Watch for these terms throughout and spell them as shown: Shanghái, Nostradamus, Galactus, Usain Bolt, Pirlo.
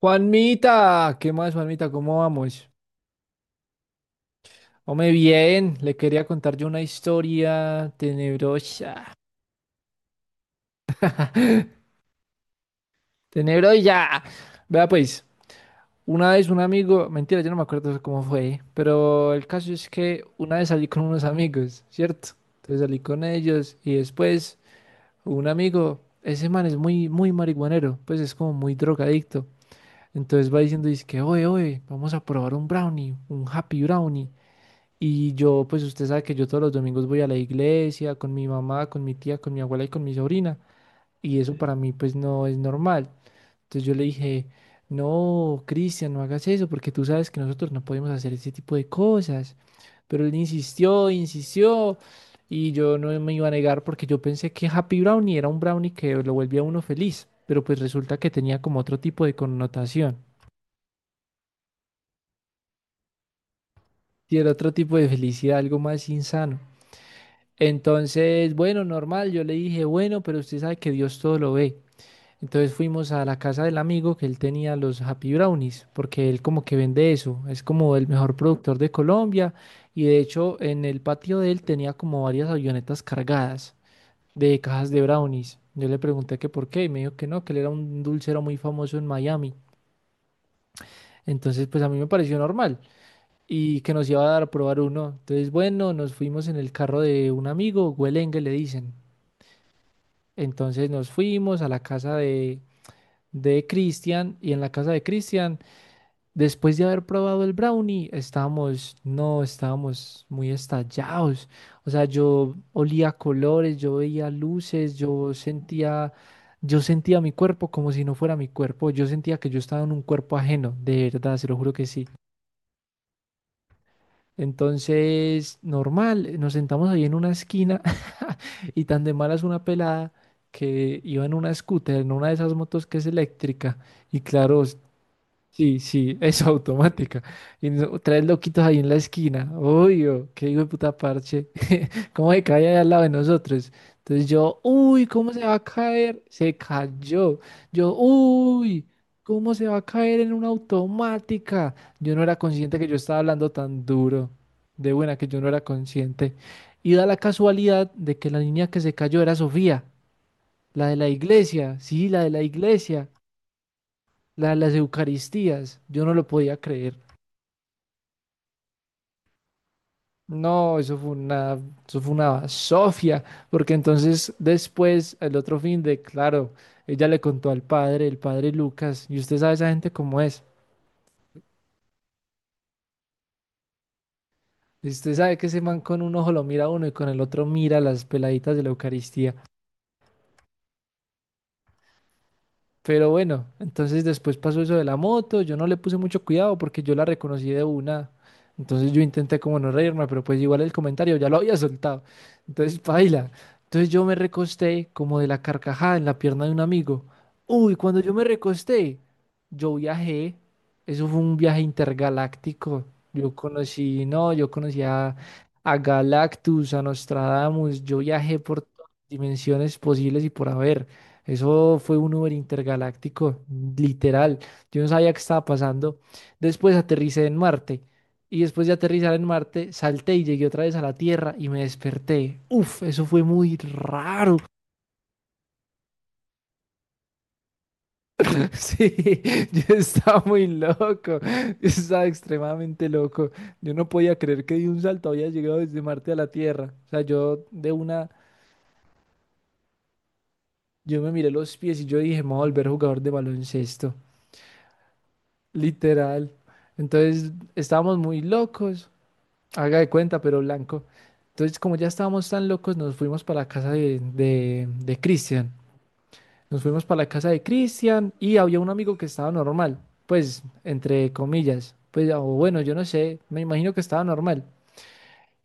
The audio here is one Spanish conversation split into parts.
Juanmita, ¿qué más, Juanmita? ¿Cómo vamos? Hombre, bien, le quería contar yo una historia tenebrosa. Tenebrosa. Vea, pues, una vez un amigo, mentira, yo no me acuerdo cómo fue, pero el caso es que una vez salí con unos amigos, ¿cierto? Entonces salí con ellos y después un amigo, ese man es muy, muy marihuanero, pues es como muy drogadicto. Entonces va diciendo, dice que, oye, oye, vamos a probar un brownie, un happy brownie. Y yo, pues usted sabe que yo todos los domingos voy a la iglesia con mi mamá, con mi tía, con mi abuela y con mi sobrina. Y eso para mí pues no es normal. Entonces yo le dije, no, Cristian, no hagas eso porque tú sabes que nosotros no podemos hacer ese tipo de cosas. Pero él insistió, insistió y yo no me iba a negar porque yo pensé que Happy Brownie era un brownie que lo volvía a uno feliz. Pero pues resulta que tenía como otro tipo de connotación y era otro tipo de felicidad, algo más insano. Entonces, bueno, normal, yo le dije, bueno, pero usted sabe que Dios todo lo ve. Entonces fuimos a la casa del amigo que él tenía los Happy Brownies, porque él como que vende eso, es como el mejor productor de Colombia y de hecho en el patio de él tenía como varias avionetas cargadas de cajas de brownies. Yo le pregunté que por qué y me dijo que no, que él era un dulcero muy famoso en Miami. Entonces, pues a mí me pareció normal y que nos iba a dar a probar uno. Entonces, bueno, nos fuimos en el carro de un amigo, Güelengue le dicen. Entonces nos fuimos a la casa de Cristian y en la casa de Cristian, después de haber probado el brownie, estábamos, no, estábamos muy estallados. O sea, yo olía colores, yo veía luces, yo sentía mi cuerpo como si no fuera mi cuerpo. Yo sentía que yo estaba en un cuerpo ajeno, de verdad, se lo juro que sí. Entonces, normal, nos sentamos ahí en una esquina y tan de malas una pelada que iba en una scooter, en una de esas motos que es eléctrica. Y claro, sí, sí, es automática. Tres loquitos ahí en la esquina. Obvio, qué hijo de puta parche. ¿Cómo se cae ahí al lado de nosotros? Entonces yo, uy, ¿cómo se va a caer? Se cayó. Yo, uy, ¿cómo se va a caer en una automática? Yo no era consciente que yo estaba hablando tan duro. De buena que yo no era consciente. Y da la casualidad de que la niña que se cayó era Sofía, la de la iglesia, sí, la de la iglesia, la de las Eucaristías. Yo no lo podía creer. No, eso fue una sofia, porque entonces después, el otro fin de, claro, ella le contó al padre, el padre Lucas, y usted sabe esa gente cómo es. Y usted sabe que ese man con un ojo lo mira a uno y con el otro mira a las peladitas de la Eucaristía. Pero bueno, entonces después pasó eso de la moto, yo no le puse mucho cuidado porque yo la reconocí de una. Entonces yo intenté como no reírme, pero pues igual el comentario ya lo había soltado. Entonces paila. Entonces yo me recosté como de la carcajada en la pierna de un amigo. Uy, cuando yo me recosté, yo viajé. Eso fue un viaje intergaláctico. Yo conocí, no, yo conocí a Galactus, a Nostradamus. Yo viajé por todas las dimensiones posibles y por haber. Eso fue un Uber intergaláctico, literal. Yo no sabía qué estaba pasando. Después aterricé en Marte. Y después de aterrizar en Marte, salté y llegué otra vez a la Tierra y me desperté. Uf, eso fue muy raro. Sí, yo estaba muy loco. Yo estaba extremadamente loco. Yo no podía creer que de un salto había llegado desde Marte a la Tierra. O sea, yo de una, yo me miré los pies y yo dije, me voy a volver jugador de baloncesto. Literal. Entonces estábamos muy locos, haga de cuenta, pero blanco. Entonces, como ya estábamos tan locos, nos fuimos para la casa de Cristian. Nos fuimos para la casa de Cristian y había un amigo que estaba normal, pues, entre comillas. Pues, o bueno, yo no sé, me imagino que estaba normal.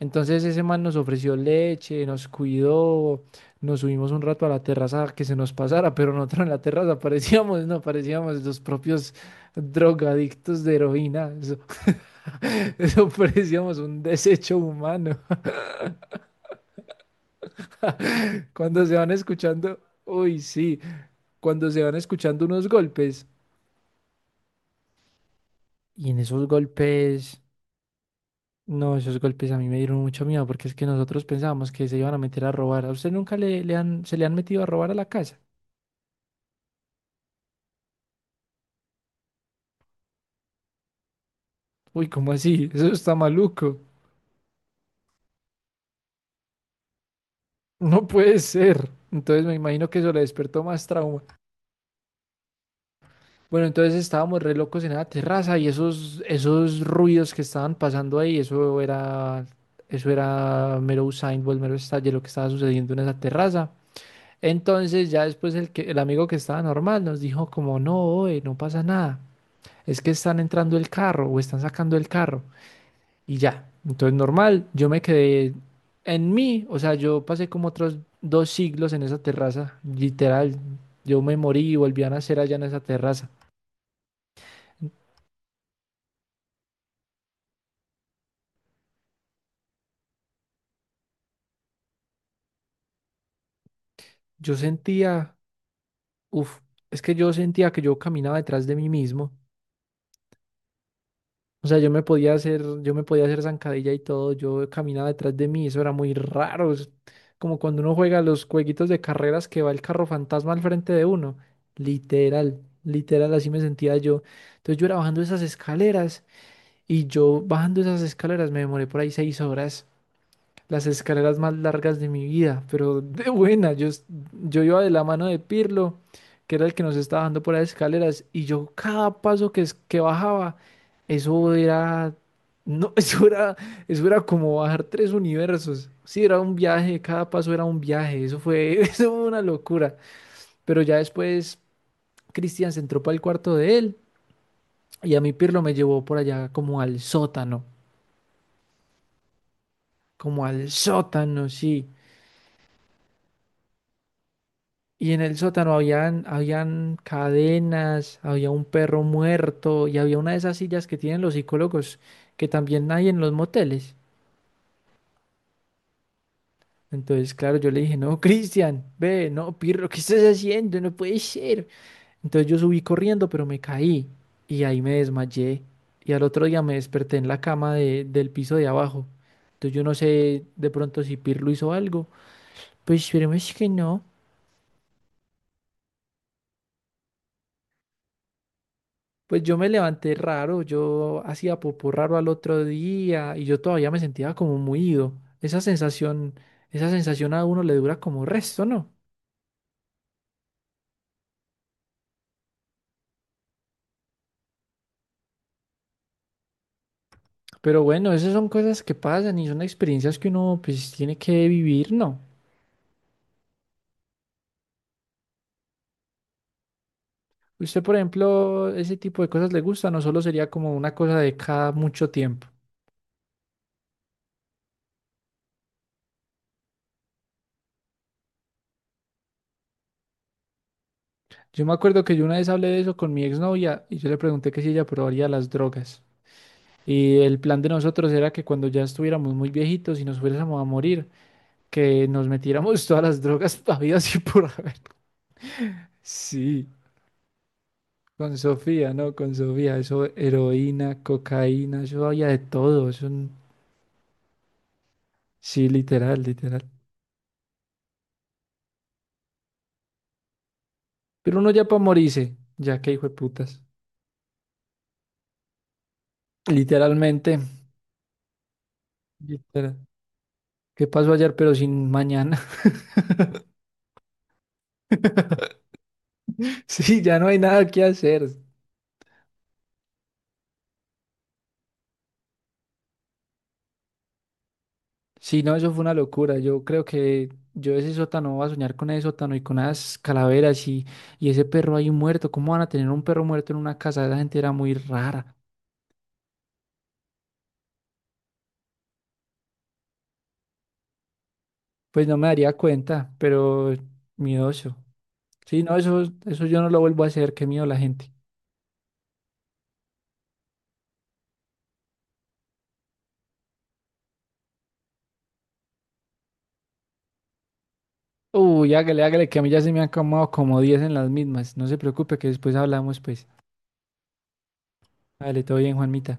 Entonces ese man nos ofreció leche, nos cuidó, nos subimos un rato a la terraza a que se nos pasara, pero nosotros en la terraza parecíamos, no, parecíamos los propios drogadictos de heroína. Eso parecíamos un desecho humano. Cuando se van escuchando, uy, sí, cuando se van escuchando unos golpes. Y en esos golpes, no, esos golpes a mí me dieron mucho miedo porque es que nosotros pensábamos que se iban a meter a robar. ¿A usted nunca se le han metido a robar a la casa? Uy, ¿cómo así? Eso está maluco. No puede ser. Entonces me imagino que eso le despertó más trauma. Bueno, entonces estábamos re locos en la terraza y esos ruidos que estaban pasando ahí, eso era mero Usain Bolt, mero estalle lo que estaba sucediendo en esa terraza. Entonces ya después el amigo que estaba normal nos dijo como, no, oe, no pasa nada, es que están entrando el carro o están sacando el carro y ya. Entonces normal, yo me quedé en mí, o sea, yo pasé como otros 2 siglos en esa terraza, literal, yo me morí y volví a nacer allá en esa terraza. Yo sentía, uff, es que yo sentía que yo caminaba detrás de mí mismo. O sea, yo me podía hacer zancadilla y todo, yo caminaba detrás de mí, eso era muy raro. Es como cuando uno juega los jueguitos de carreras que va el carro fantasma al frente de uno. Literal, literal, así me sentía yo. Entonces yo era bajando esas escaleras y yo bajando esas escaleras me demoré por ahí 6 horas. Las escaleras más largas de mi vida, pero de buena. Yo iba de la mano de Pirlo, que era el que nos estaba dando por las escaleras, y yo cada paso que bajaba, eso era, no, eso era como bajar tres universos. Sí, era un viaje, cada paso era un viaje, eso fue, eso fue una locura. Pero ya después Cristian se entró para el cuarto de él y a mí Pirlo me llevó por allá como al sótano, sí. Y en el sótano habían cadenas, había un perro muerto y había una de esas sillas que tienen los psicólogos que también hay en los moteles. Entonces, claro, yo le dije, no, Cristian, ve, no, Pirro, ¿qué estás haciendo? No puede ser. Entonces yo subí corriendo, pero me caí y ahí me desmayé. Y al otro día me desperté en la cama del piso de abajo. Entonces yo no sé de pronto si Pirlo hizo algo. Pues esperemos que no. Pues yo me levanté raro, yo hacía popó raro al otro día y yo todavía me sentía como muido. Esa sensación, esa sensación a uno le dura como resto, ¿no? Pero bueno, esas son cosas que pasan y son experiencias que uno pues tiene que vivir, ¿no? Usted, por ejemplo, ese tipo de cosas le gusta, no solo sería como una cosa de cada mucho tiempo. Yo me acuerdo que yo una vez hablé de eso con mi exnovia y yo le pregunté que si ella probaría las drogas. Y el plan de nosotros era que cuando ya estuviéramos muy viejitos y nos fuésemos a morir, que nos metiéramos todas las drogas habidas y por haber. Sí, con Sofía, ¿no? Con Sofía, eso, heroína, cocaína, eso había de todo, sí, literal, literal. Pero uno ya pa' morirse, ya que hijo de putas. Literalmente, literal. ¿Qué pasó ayer pero sin mañana? Sí, ya no hay nada que hacer. Sí, no, eso fue una locura. Yo creo que yo ese sótano voy a soñar con ese sótano y con esas calaveras y ese perro ahí muerto. ¿Cómo van a tener un perro muerto en una casa? Esa gente era muy rara. Pues no me daría cuenta, pero miedoso. Sí, no, eso yo no lo vuelvo a hacer. Qué miedo la gente. Uy, hágale, hágale, que a mí ya se me han acomodado como 10 en las mismas. No se preocupe que después hablamos, pues. Dale, todo bien, Juanmita.